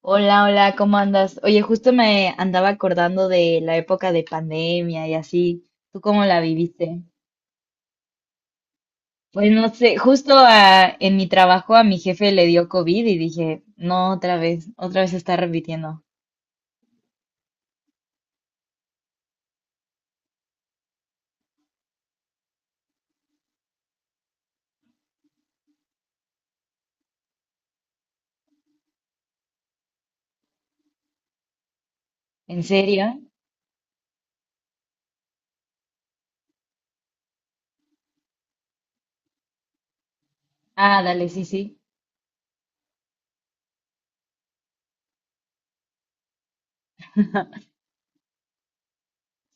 Hola, hola, ¿cómo andas? Oye, justo me andaba acordando de la época de pandemia y así. ¿Tú cómo la viviste? Pues no sé, justo en mi trabajo a mi jefe le dio COVID y dije, no, otra vez se está repitiendo. ¿En serio? Ah, dale, sí, sí.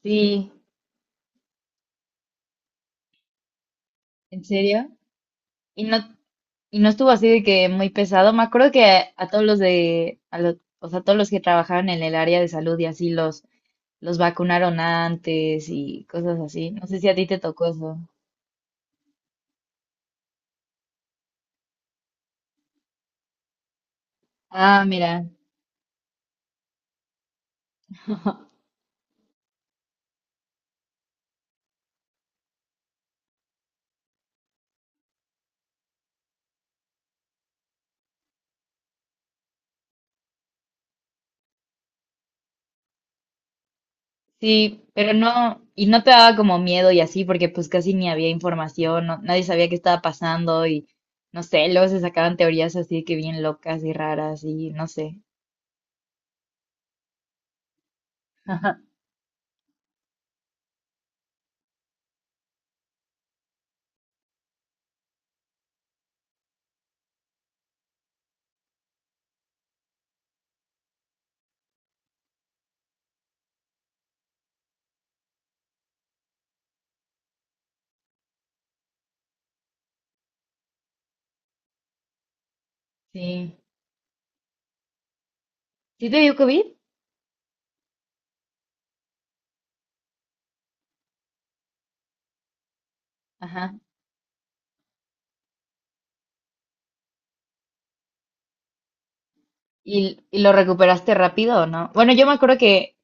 Sí, ¿en serio? Y no, y no estuvo así de que muy pesado. Me acuerdo que a, todos los de, o sea, todos los que trabajaban en el área de salud y así los vacunaron antes y cosas así. No sé si a ti te tocó eso. Ah, mira. Sí, pero no, y no te daba como miedo y así, porque pues casi ni había información, nadie sabía qué estaba pasando y no sé, luego se sacaban teorías así que bien locas y raras y no sé. Sí. ¿Sí te dio COVID? Ajá. Y lo recuperaste rápido o no? Bueno, yo me acuerdo que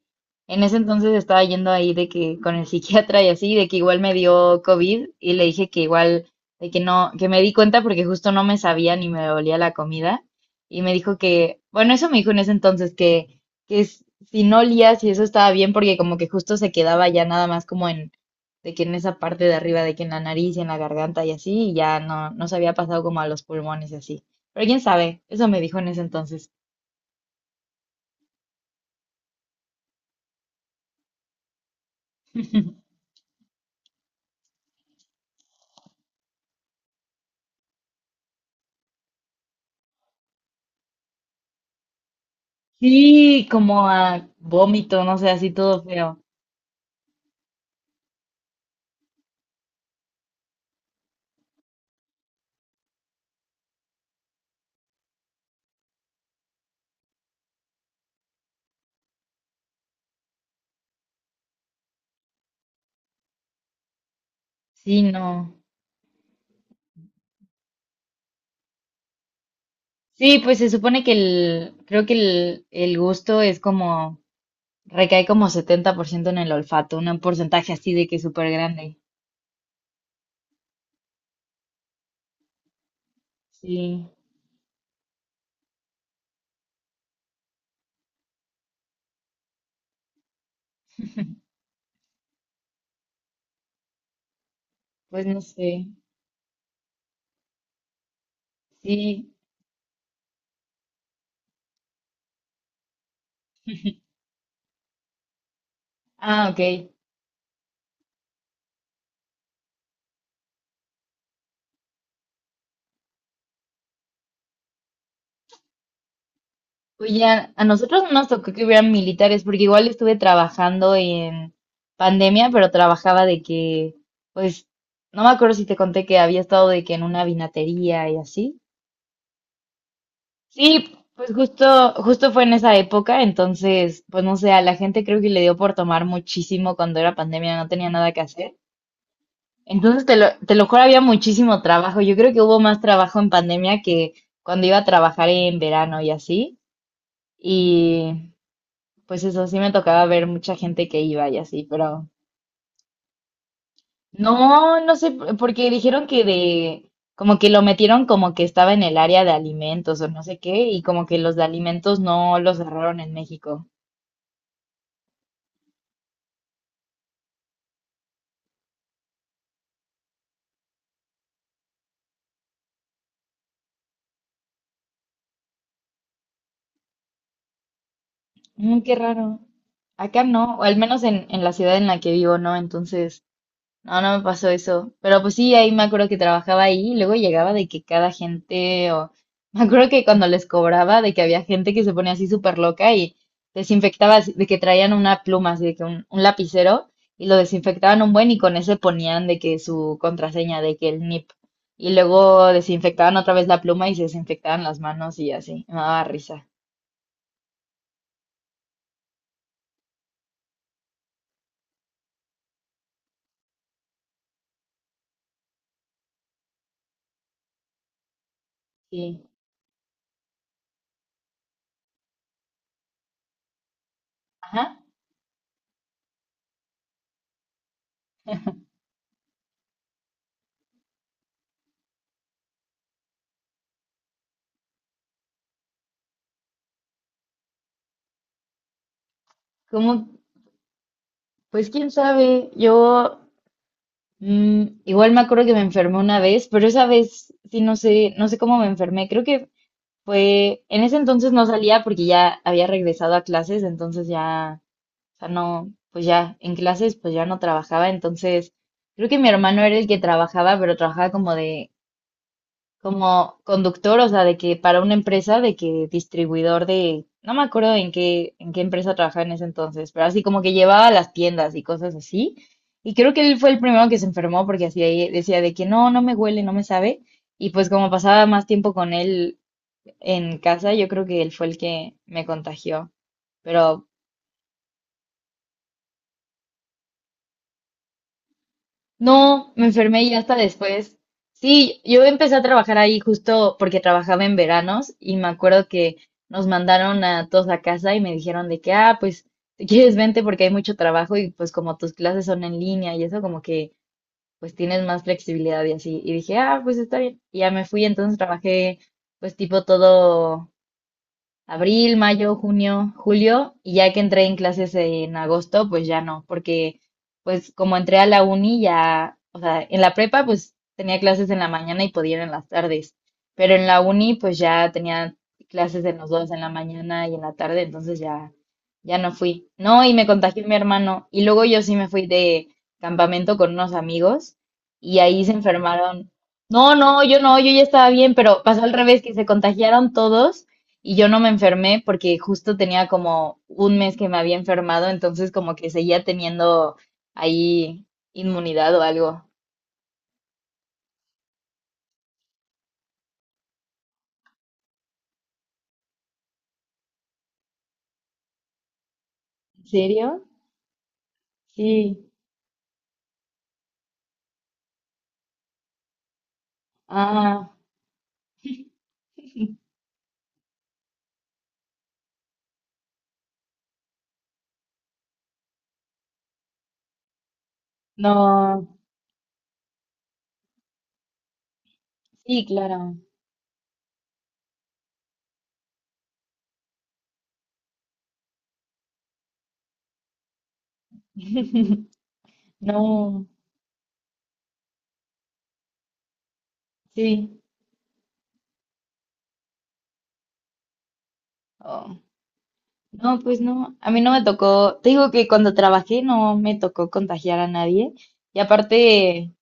en ese entonces estaba yendo ahí de que con el psiquiatra y así, de que igual me dio COVID y le dije que igual, de que no, que me di cuenta porque justo no me sabía ni me olía la comida. Y me dijo que, bueno, eso me dijo en ese entonces, que, que si no olías y eso estaba bien porque como que justo se quedaba ya nada más como en, de que en esa parte de arriba, de que en la nariz y en la garganta y así, y ya no, no se había pasado como a los pulmones y así. Pero quién sabe, eso me dijo en ese entonces. Sí, como a vómito, no sé, así todo feo. Sí, no. Sí, pues se supone que creo que el gusto es como, recae como 70% en el olfato, un porcentaje así de que súper grande. Sí, pues no sé. Sí, ah, ok. Oye, a nosotros no nos tocó que hubieran militares, porque igual estuve trabajando en pandemia, pero trabajaba de que, pues, no me acuerdo si te conté que había estado de que en una vinatería y así. Sí, pues justo, justo fue en esa época, entonces, pues no sé, a la gente creo que le dio por tomar muchísimo cuando era pandemia, no tenía nada que hacer. Entonces, te lo juro, había muchísimo trabajo. Yo creo que hubo más trabajo en pandemia que cuando iba a trabajar en verano y así. Y pues eso, sí me tocaba ver mucha gente que iba y así, pero no, no sé, porque dijeron que de, como que lo metieron como que estaba en el área de alimentos o no sé qué, y como que los de alimentos no los cerraron en México. Mm, qué raro. Acá no, o al menos en, la ciudad en la que vivo, no. Entonces, no, no me pasó eso. Pero pues sí, ahí me acuerdo que trabajaba ahí y luego llegaba de que cada gente, o me acuerdo que cuando les cobraba, de que había gente que se ponía así súper loca y desinfectaba, así- de que traían una pluma, así de que un lapicero y lo desinfectaban un buen y con ese ponían de que su contraseña, de que el NIP. Y luego desinfectaban otra vez la pluma y se desinfectaban las manos y así. Me daba risa. Sí. Ajá. ¿Cómo? Pues quién sabe, yo igual me acuerdo que me enfermé una vez, pero esa vez sí no sé, no sé cómo me enfermé. Creo que fue, en ese entonces no salía porque ya había regresado a clases, entonces ya, o sea, no, pues ya en clases pues ya no trabajaba, entonces creo que mi hermano era el que trabajaba, pero trabajaba como de como conductor, o sea, de que para una empresa, de que distribuidor de, no me acuerdo en qué empresa trabajaba en ese entonces, pero así como que llevaba a las tiendas y cosas así. Y creo que él fue el primero que se enfermó porque así ahí decía de que no, no me huele, no me sabe. Y pues como pasaba más tiempo con él en casa, yo creo que él fue el que me contagió. Pero no, me enfermé y hasta después. Sí, yo empecé a trabajar ahí justo porque trabajaba en veranos y me acuerdo que nos mandaron a todos a casa y me dijeron de que, ah, pues, si quieres vente porque hay mucho trabajo y pues como tus clases son en línea y eso como que pues tienes más flexibilidad y así. Y dije, ah, pues está bien. Y ya me fui, entonces trabajé pues tipo todo abril, mayo, junio, julio, y ya que entré en clases en agosto, pues ya no, porque pues como entré a la uni ya, o sea, en la prepa pues tenía clases en la mañana y podía ir en las tardes, pero en la uni pues ya tenía clases en los dos, en la mañana y en la tarde, entonces ya, ya no fui. No, y me contagió mi hermano, y luego yo sí me fui de campamento con unos amigos y ahí se enfermaron. No, no, yo no, yo ya estaba bien, pero pasó al revés, que se contagiaron todos y yo no me enfermé porque justo tenía como un mes que me había enfermado, entonces como que seguía teniendo ahí inmunidad o algo. ¿En serio? Sí. Ah, no. Sí, claro. No, sí. Oh, no, pues no. A mí no me tocó. Te digo que cuando trabajé no me tocó contagiar a nadie. Y aparte,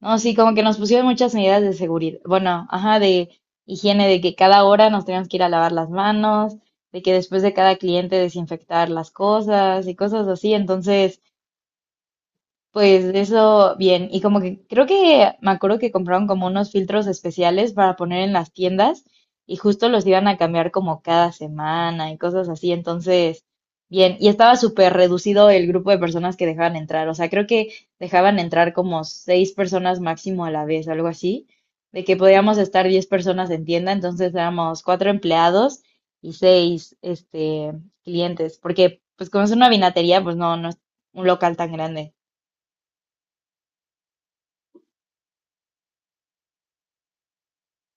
no, sí, como que nos pusieron muchas medidas de seguridad, bueno, ajá, de higiene, de que cada hora nos teníamos que ir a lavar las manos, de que después de cada cliente desinfectar las cosas y cosas así. Entonces, pues eso, bien. Y como que creo que me acuerdo que compraron como unos filtros especiales para poner en las tiendas y justo los iban a cambiar como cada semana y cosas así. Entonces, bien. Y estaba súper reducido el grupo de personas que dejaban entrar. O sea, creo que dejaban entrar como seis personas máximo a la vez, algo así. De que podíamos estar 10 personas en tienda. Entonces éramos cuatro empleados y seis, este, clientes. Porque, pues como es una vinatería, pues no, no es un local tan grande.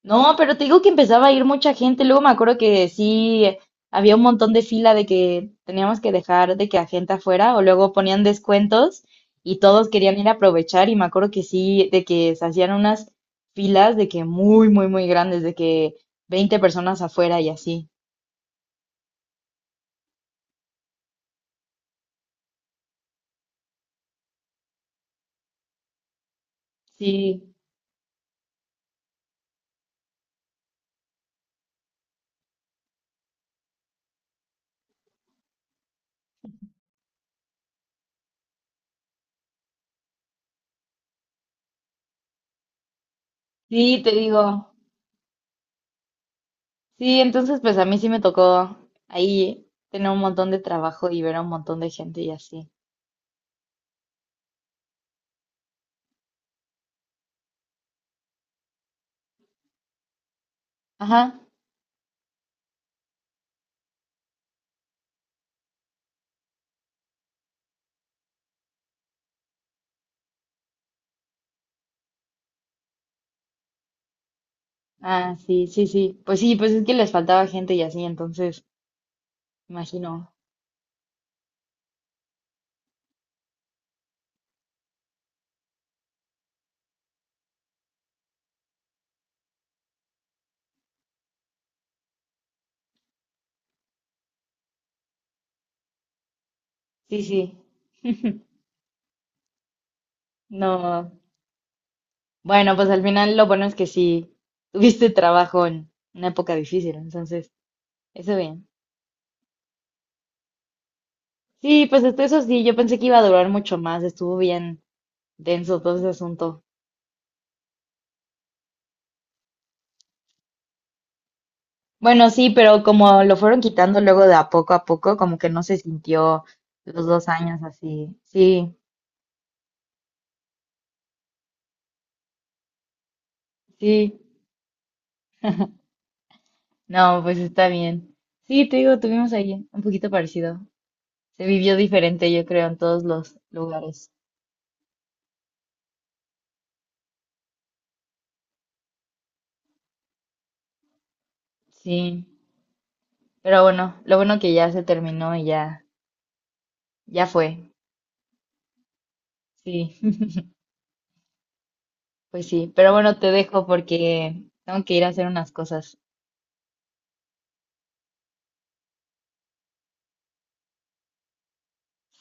No, pero te digo que empezaba a ir mucha gente. Luego me acuerdo que sí había un montón de fila de que teníamos que dejar de que a gente afuera o luego ponían descuentos y todos querían ir a aprovechar y me acuerdo que sí, de que se hacían unas filas de que muy, muy, muy grandes, de que 20 personas afuera y así. Sí, sí, te digo. Sí, entonces pues a mí sí me tocó ahí tener un montón de trabajo y ver a un montón de gente y así. Ajá. Ah, sí, sí, sí. Pues sí, pues es que les faltaba gente y así, entonces, imagino. Sí, sí. No. Bueno, pues al final lo bueno es que sí tuviste trabajo en una época difícil, entonces, eso bien. Sí, pues hasta eso sí, yo pensé que iba a durar mucho más, estuvo bien denso todo ese asunto. Bueno, sí, pero como lo fueron quitando luego de a poco, como que no se sintió los 2 años así. Sí, sí. No, pues está bien. Sí, te digo, tuvimos ahí un poquito parecido. Se vivió diferente, yo creo, en todos los lugares. Sí, pero bueno, lo bueno que ya se terminó y ya, ya fue. Sí, pues sí, pero bueno, te dejo porque tengo que ir a hacer unas cosas.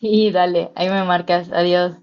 Sí, dale, ahí me marcas. Adiós.